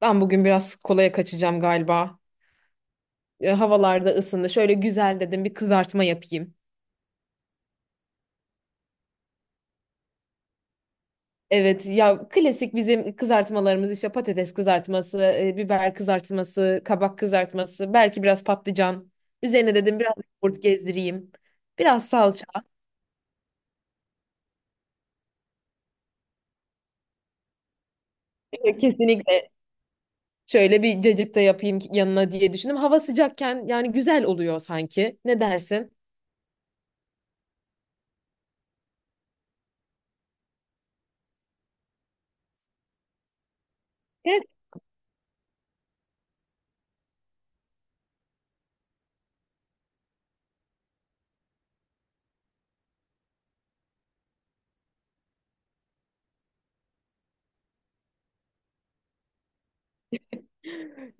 Ben bugün biraz kolaya kaçacağım galiba. Havalarda ısındı. Şöyle güzel dedim bir kızartma yapayım. Evet ya klasik bizim kızartmalarımız işte patates kızartması, biber kızartması, kabak kızartması, belki biraz patlıcan. Üzerine dedim biraz yoğurt gezdireyim. Biraz salça. Kesinlikle şöyle bir cacık da yapayım yanına diye düşündüm. Hava sıcakken yani güzel oluyor sanki. Ne dersin? Evet.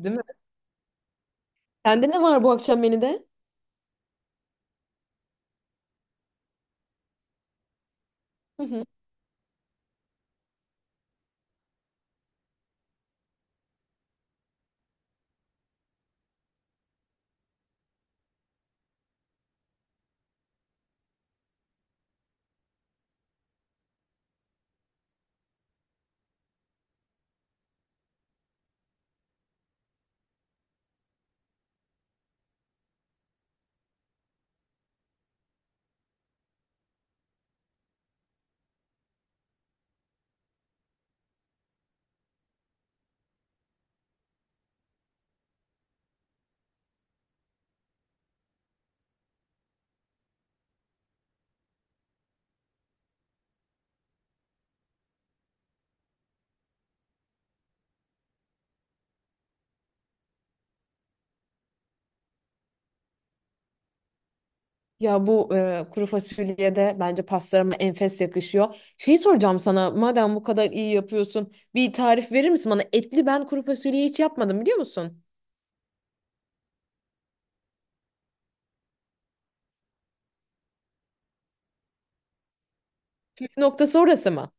Değil mi? Sende ne var bu akşam menüde? Hı hı. Ya bu kuru fasulyeye de bence pastalarıma enfes yakışıyor. Şey soracağım sana, madem bu kadar iyi yapıyorsun, bir tarif verir misin bana? Etli ben kuru fasulyeyi hiç yapmadım biliyor musun? Püf noktası orası mı?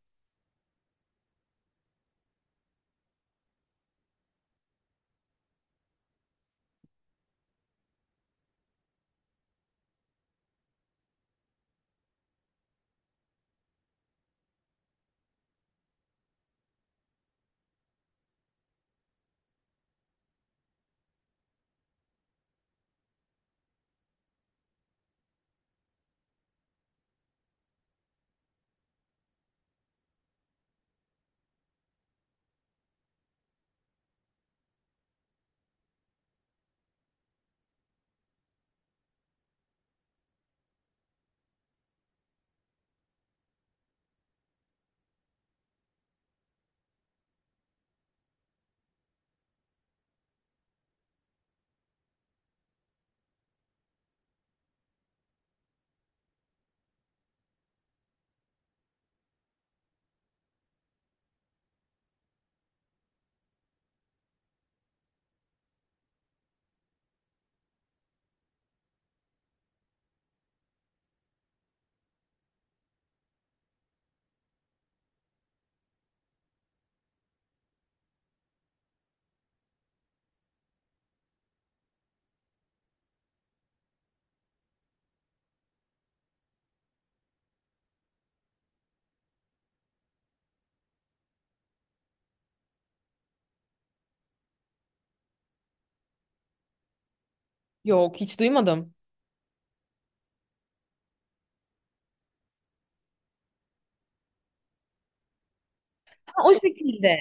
Yok, hiç duymadım. Ha, o şekilde.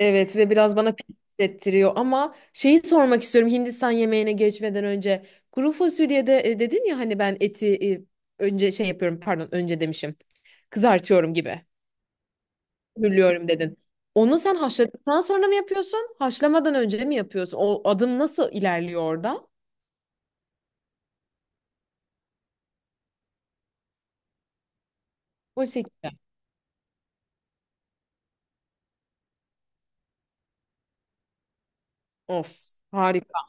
Evet ve biraz bana pis hissettiriyor ama şeyi sormak istiyorum Hindistan yemeğine geçmeden önce. Kuru fasulyede dedin ya hani ben eti e, önce şey yapıyorum pardon önce demişim. Kızartıyorum gibi. Hürlüyorum dedin. Onu sen haşladıktan sonra mı yapıyorsun? Haşlamadan önce mi yapıyorsun? O adım nasıl ilerliyor orada? O şekilde. Of harika.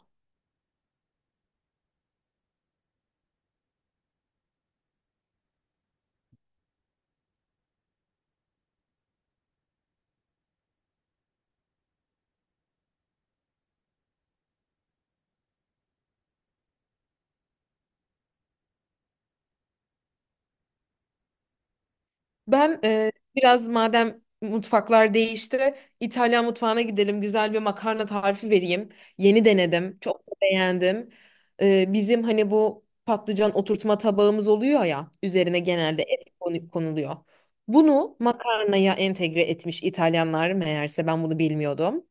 Ben biraz madem mutfaklar değişti, İtalyan mutfağına gidelim. Güzel bir makarna tarifi vereyim. Yeni denedim. Çok da beğendim. Bizim hani bu patlıcan oturtma tabağımız oluyor ya, üzerine genelde konuluyor. Bunu makarnaya entegre etmiş İtalyanlar meğerse ben bunu bilmiyordum.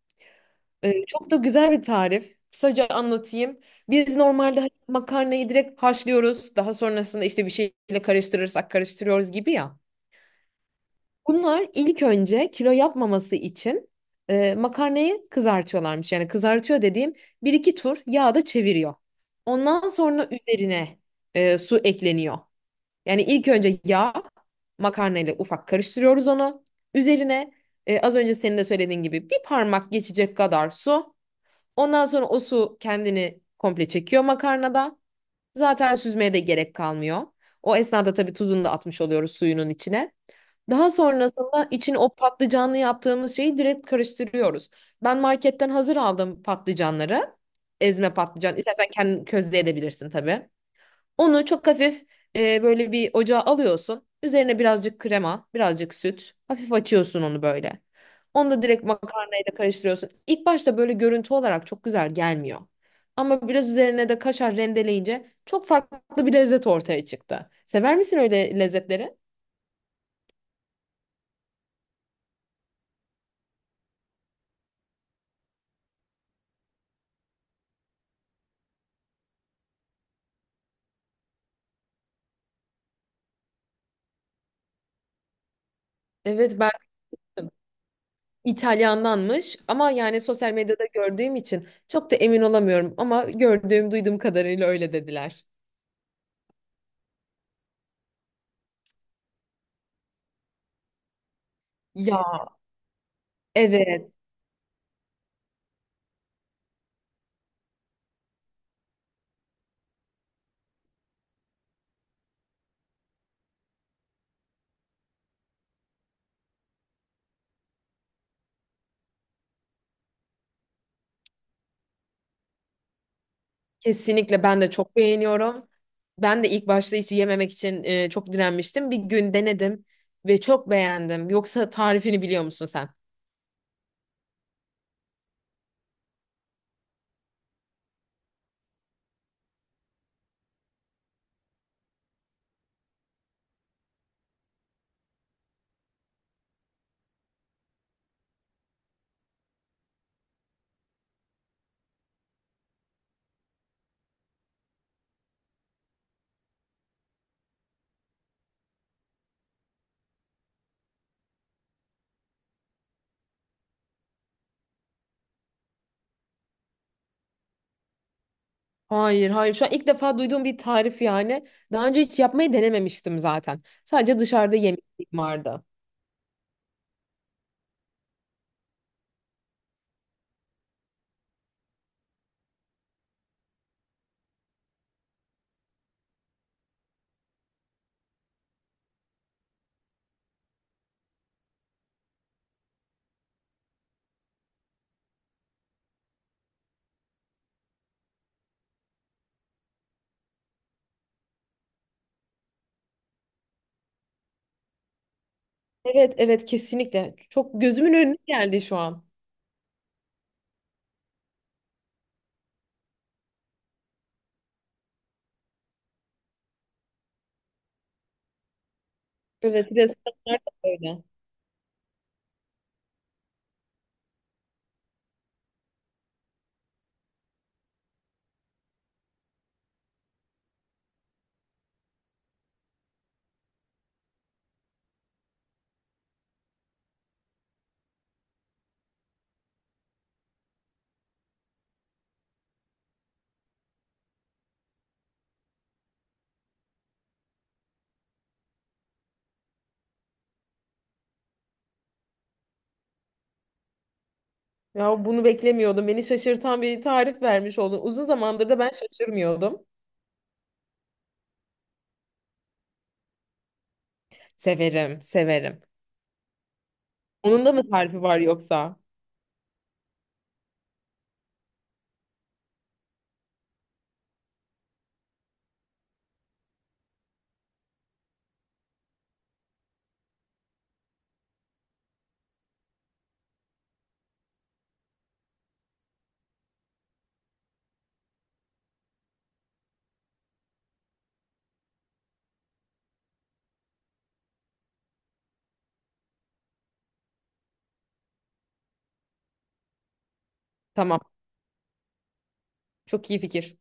Çok da güzel bir tarif. Kısaca anlatayım. Biz normalde hani makarnayı direkt haşlıyoruz. Daha sonrasında işte bir şeyle karıştırırsak karıştırıyoruz gibi ya. Bunlar ilk önce kilo yapmaması için makarnayı kızartıyorlarmış. Yani kızartıyor dediğim bir iki tur yağda çeviriyor. Ondan sonra üzerine su ekleniyor. Yani ilk önce yağ makarnayla ufak karıştırıyoruz onu. Üzerine az önce senin de söylediğin gibi bir parmak geçecek kadar su. Ondan sonra o su kendini komple çekiyor makarnada. Zaten süzmeye de gerek kalmıyor. O esnada tabii tuzunu da atmış oluyoruz suyunun içine. Daha sonrasında için o patlıcanlı yaptığımız şeyi direkt karıştırıyoruz. Ben marketten hazır aldım patlıcanları. Ezme patlıcan. İstersen kendin közleyebilirsin tabii. Onu çok hafif böyle bir ocağa alıyorsun. Üzerine birazcık krema, birazcık süt. Hafif açıyorsun onu böyle. Onu da direkt makarnayla karıştırıyorsun. İlk başta böyle görüntü olarak çok güzel gelmiyor. Ama biraz üzerine de kaşar rendeleyince çok farklı bir lezzet ortaya çıktı. Sever misin öyle lezzetleri? Evet ben İtalyandanmış ama yani sosyal medyada gördüğüm için çok da emin olamıyorum ama gördüğüm duyduğum kadarıyla öyle dediler. Ya evet. Kesinlikle ben de çok beğeniyorum. Ben de ilk başta hiç yememek için çok direnmiştim. Bir gün denedim ve çok beğendim. Yoksa tarifini biliyor musun sen? Hayır, hayır. Şu an ilk defa duyduğum bir tarif yani. Daha önce hiç yapmayı denememiştim zaten. Sadece dışarıda yemek vardı. Evet, evet kesinlikle. Çok gözümün önüne geldi şu an. Evet, ressamlar da öyle. Ya bunu beklemiyordum. Beni şaşırtan bir tarif vermiş oldun. Uzun zamandır da ben şaşırmıyordum. Severim, severim. Onun da mı tarifi var yoksa? Tamam. Çok iyi fikir.